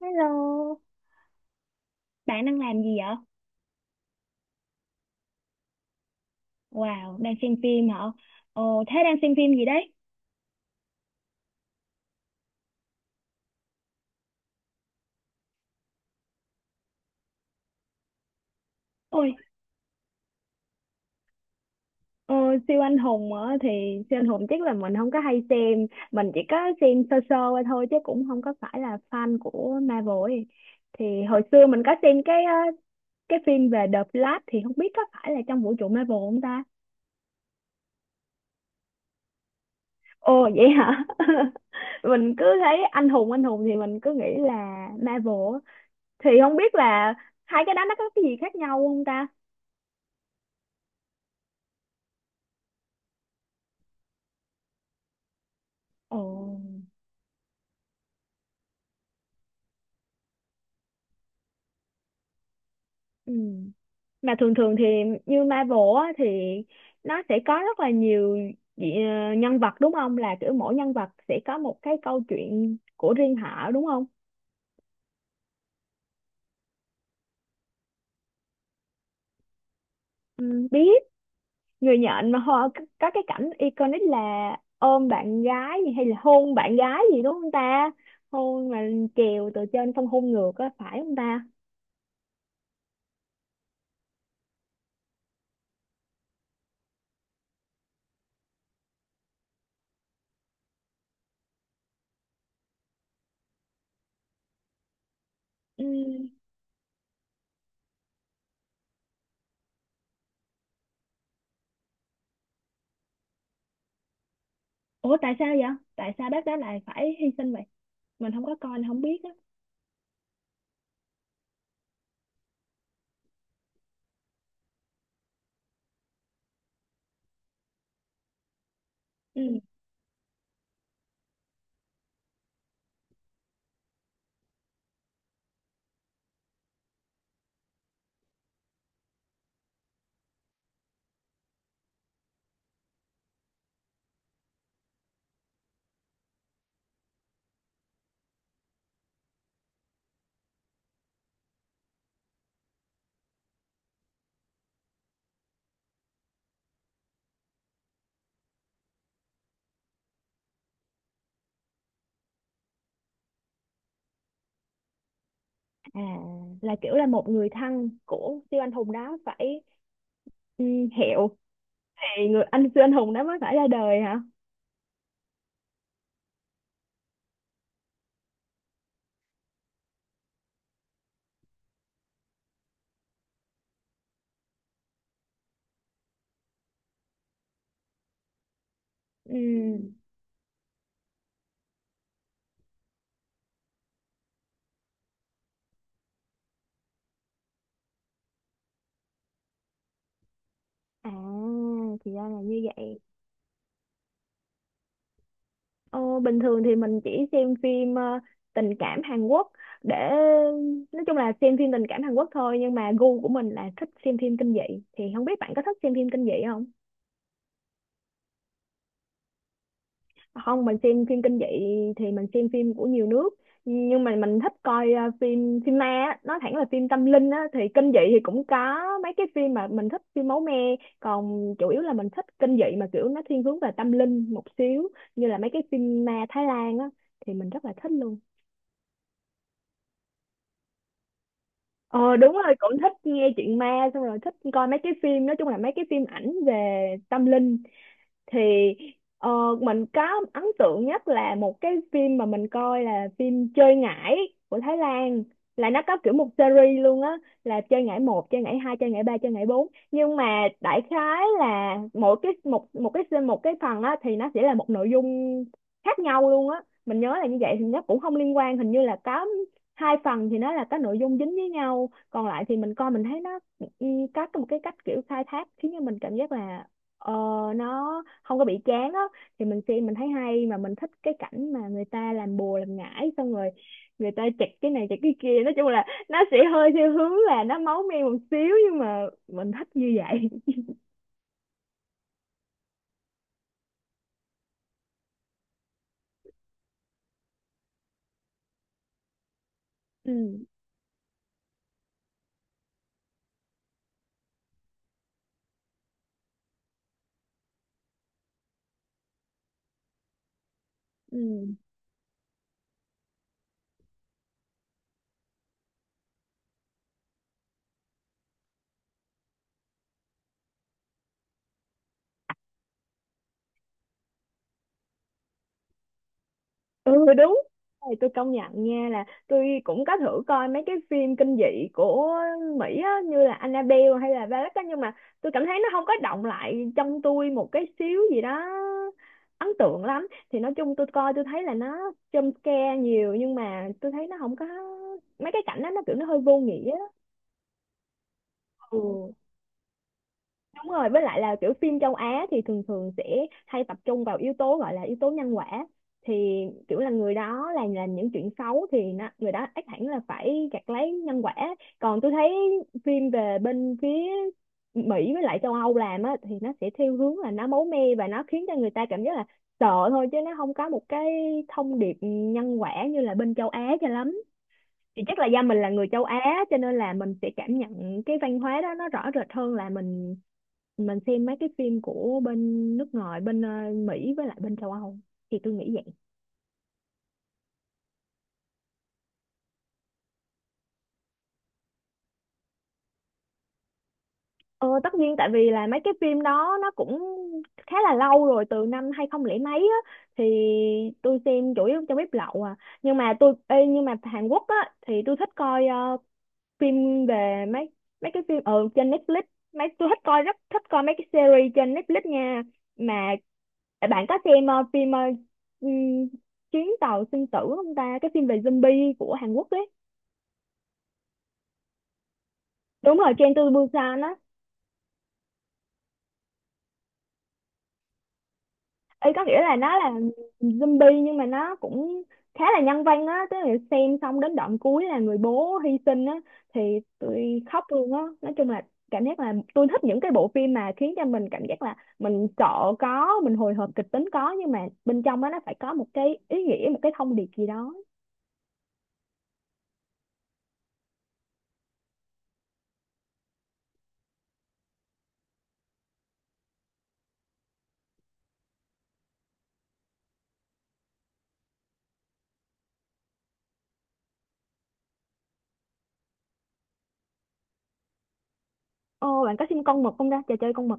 Hello, bạn đang làm gì vậy? Wow, đang xem phim hả? Ờ, thế đang xem phim gì đấy? Ôi, ờ, siêu anh hùng á thì siêu anh hùng chắc là mình không có hay xem, mình chỉ có xem sơ sơ qua thôi chứ cũng không có phải là fan của Marvel ấy. Thì hồi xưa mình có xem cái phim về The Flash thì không biết có phải là trong vũ trụ Marvel không ta? Ồ vậy hả? Mình cứ thấy anh hùng thì mình cứ nghĩ là Marvel á. Thì không biết là hai cái đó nó có cái gì khác nhau không ta? Ồ. Ừ. Mà thường thường thì như Marvel á, thì nó sẽ có rất là nhiều nhân vật, đúng không? Là kiểu mỗi nhân vật sẽ có một cái câu chuyện của riêng họ, đúng không? Ừ, biết. Người nhện mà họ có cái cảnh iconic là ôm bạn gái gì hay là hôn bạn gái gì, đúng không ta? Hôn mà trèo từ trên xong hôn ngược á, phải không ta? Ừ. Ủa tại sao vậy? Tại sao bác đó lại phải hy sinh vậy? Mình không có coi, mình không biết á. Ừ. À, là kiểu là một người thân của siêu anh hùng đó phải, ừ, hiệu thì người anh siêu anh hùng đó mới phải ra đời hả? Ừ. À, thì ra là như vậy. Ồ, bình thường thì mình chỉ xem phim tình cảm Hàn Quốc, để nói chung là xem phim tình cảm Hàn Quốc thôi, nhưng mà gu của mình là thích xem phim kinh dị. Thì không biết bạn có thích xem phim kinh dị không? Không, mình xem phim kinh dị thì mình xem phim của nhiều nước, nhưng mà mình thích coi à, phim phim ma á. Nói thẳng là phim tâm linh á, thì kinh dị thì cũng có mấy cái phim mà mình thích phim máu me, còn chủ yếu là mình thích kinh dị mà kiểu nó thiên hướng về tâm linh một xíu, như là mấy cái phim ma Thái Lan á thì mình rất là thích luôn. Ờ đúng rồi, cũng thích nghe chuyện ma xong rồi thích coi mấy cái phim, nói chung là mấy cái phim ảnh về tâm linh. Thì ờ, mình có ấn tượng nhất là một cái phim mà mình coi là phim Chơi Ngải của Thái Lan, là nó có kiểu một series luôn á, là chơi ngải một chơi ngải hai chơi ngải ba chơi ngải bốn, nhưng mà đại khái là mỗi cái một một một cái phần á thì nó sẽ là một nội dung khác nhau luôn á, mình nhớ là như vậy. Thì nó cũng không liên quan, hình như là có hai phần thì nó là có nội dung dính với nhau, còn lại thì mình coi mình thấy nó, ừ, có một cái cách kiểu khai thác khiến cho mình cảm giác là, ờ, nó không có bị chán á. Thì mình xem mình thấy hay, mà mình thích cái cảnh mà người ta làm bùa làm ngải xong rồi người ta chặt cái này chặt cái kia, nói chung là nó sẽ hơi theo hướng là nó máu me một xíu, nhưng mà mình thích như vậy. Ừ, ừ, ừ đúng. Này, tôi công nhận nha là tôi cũng có thử coi mấy cái phim kinh dị của Mỹ á, như là Annabelle hay là Valak á, nhưng mà tôi cảm thấy nó không có động lại trong tôi một cái xíu gì đó ấn tượng lắm. Thì nói chung tôi coi tôi thấy là nó jump scare nhiều, nhưng mà tôi thấy nó không có, mấy cái cảnh đó nó kiểu nó hơi vô nghĩa á. Ừ, đúng rồi, với lại là kiểu phim châu Á thì thường thường sẽ hay tập trung vào yếu tố, gọi là yếu tố nhân quả. Thì kiểu là người đó làm những chuyện xấu thì nó, người đó ắt hẳn là phải gặt lấy nhân quả. Còn tôi thấy phim về bên phía Mỹ với lại châu Âu làm á, thì nó sẽ theo hướng là nó máu me, và nó khiến cho người ta cảm giác là sợ thôi, chứ nó không có một cái thông điệp nhân quả như là bên châu Á cho lắm. Thì chắc là do mình là người châu Á cho nên là mình sẽ cảm nhận cái văn hóa đó nó rõ rệt hơn là mình xem mấy cái phim của bên nước ngoài bên Mỹ với lại bên châu Âu, thì tôi nghĩ vậy. Ờ, tất nhiên tại vì là mấy cái phim đó nó cũng khá là lâu rồi, từ năm 2000 mấy á, thì tôi xem chủ yếu trong bếp lậu à. Nhưng mà tôi ê, nhưng mà Hàn Quốc á thì tôi thích coi ờ, phim về mấy mấy cái phim ở trên Netflix. Mấy tôi thích coi, rất thích coi mấy cái series trên Netflix nha. Mà bạn có xem ừm, chuyến tàu sinh tử không ta, cái phim về zombie của Hàn Quốc ấy? Đúng rồi, Train to Busan á. Ý có nghĩa là nó là zombie nhưng mà nó cũng khá là nhân văn á, tức là xem xong đến đoạn cuối là người bố hy sinh á, thì tôi khóc luôn á. Nói chung là cảm giác là tôi thích những cái bộ phim mà khiến cho mình cảm giác là mình sợ có, mình hồi hộp kịch tính có, nhưng mà bên trong đó nó phải có một cái ý nghĩa, một cái thông điệp gì đó. Ô, bạn có xem con mực không ta, trò chơi con mực?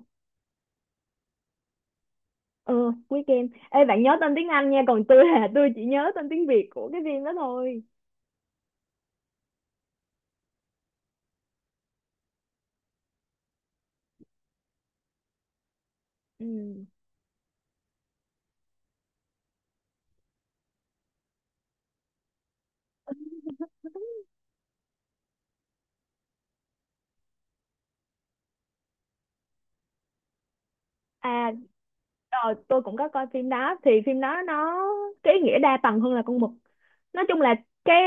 Ừ, cuối game ê, bạn nhớ tên tiếng Anh nha, còn tôi là tôi chỉ nhớ tên tiếng Việt của cái phim đó thôi. Ừ. À. Ờ, tôi cũng có coi phim đó, thì phim đó nó cái ý nghĩa đa tầng hơn là con mực. Nói chung là cái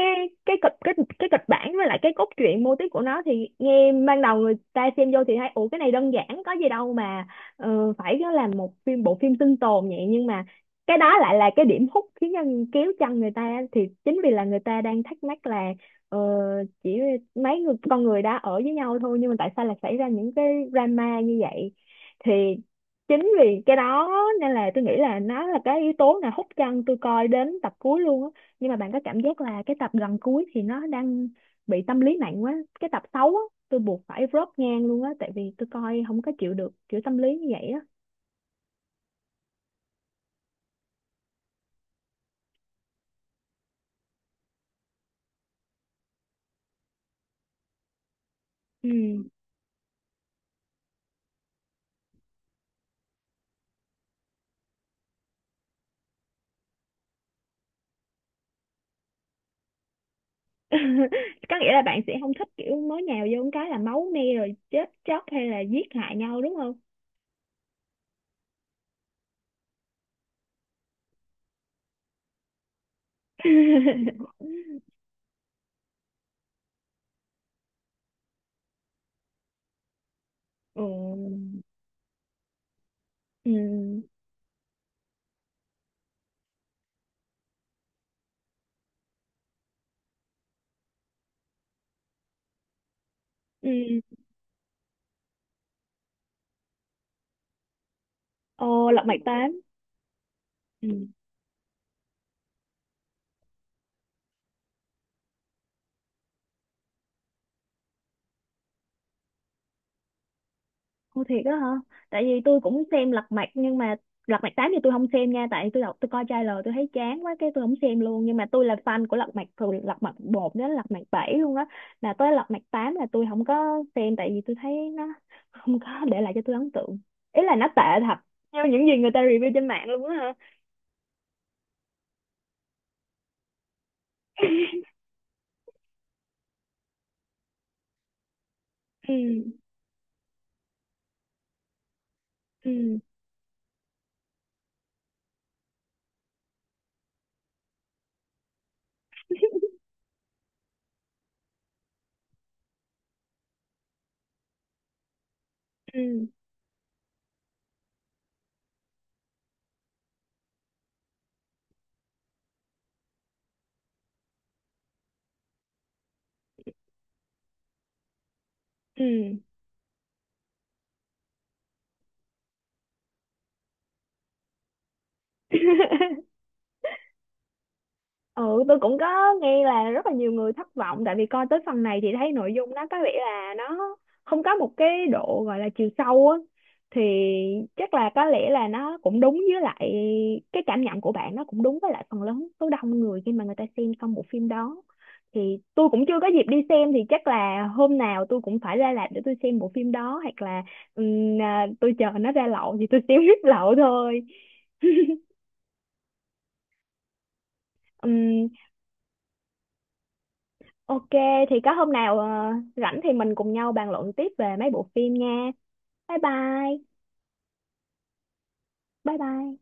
cái cái kịch bản với lại cái cốt truyện mô típ của nó, thì nghe ban đầu người ta xem vô thì thấy ủa cái này đơn giản có gì đâu mà phải nó làm một phim bộ phim sinh tồn vậy, nhưng mà cái đó lại là cái điểm hút khiến nhân kéo chân người ta. Thì chính vì là người ta đang thắc mắc là, ờ, chỉ mấy người con người đã ở với nhau thôi, nhưng mà tại sao lại xảy ra những cái drama như vậy. Thì chính vì cái đó nên là tôi nghĩ là nó là cái yếu tố nào hút chân tôi coi đến tập cuối luôn á. Nhưng mà bạn có cảm giác là cái tập gần cuối thì nó đang bị tâm lý nặng quá, cái tập xấu á, tôi buộc phải rớt ngang luôn á, tại vì tôi coi không có chịu được kiểu tâm lý như vậy á. Ừ. Có nghĩa là bạn sẽ không thích kiểu mới nhào vô một cái là máu me rồi chết chóc hay là giết hại nhau, đúng không? Ừ. Ừ, ừ. Ồ, lật mặt tám. Ừ. Ồ thiệt đó hả? Tại vì tôi cũng xem Lật Mặt, nhưng mà Lật Mặt 8 thì tôi không xem nha, tại tôi đọc tôi coi trailer tôi thấy chán quá, cái tôi không xem luôn. Nhưng mà tôi là fan của Lật Mặt từ Lật Mặt 1 đến Lật Mặt 7 luôn á. Là tới Lật Mặt 8 là tôi không có xem, tại vì tôi thấy nó không có để lại cho tôi ấn tượng. Ý là nó tệ thật. Theo những gì người ta review trên mạng luôn á hả? Ừ, ừ, ừ, ừ. Ừ, tôi cũng có nghe là rất là nhiều người thất vọng, tại vì coi tới phần này thì thấy nội dung nó có vẻ là nó không có một cái độ gọi là chiều sâu á. Thì chắc là có lẽ là nó cũng đúng với lại cái cảm nhận của bạn, nó cũng đúng với lại phần lớn số đông người khi mà người ta xem xong bộ phim đó. Thì tôi cũng chưa có dịp đi xem, thì chắc là hôm nào tôi cũng phải ra rạp để tôi xem bộ phim đó, hoặc là à, tôi chờ nó ra lậu thì tôi xem hết lậu thôi. Ừm. Ok, thì có hôm nào rảnh thì mình cùng nhau bàn luận tiếp về mấy bộ phim nha. Bye bye. Bye bye.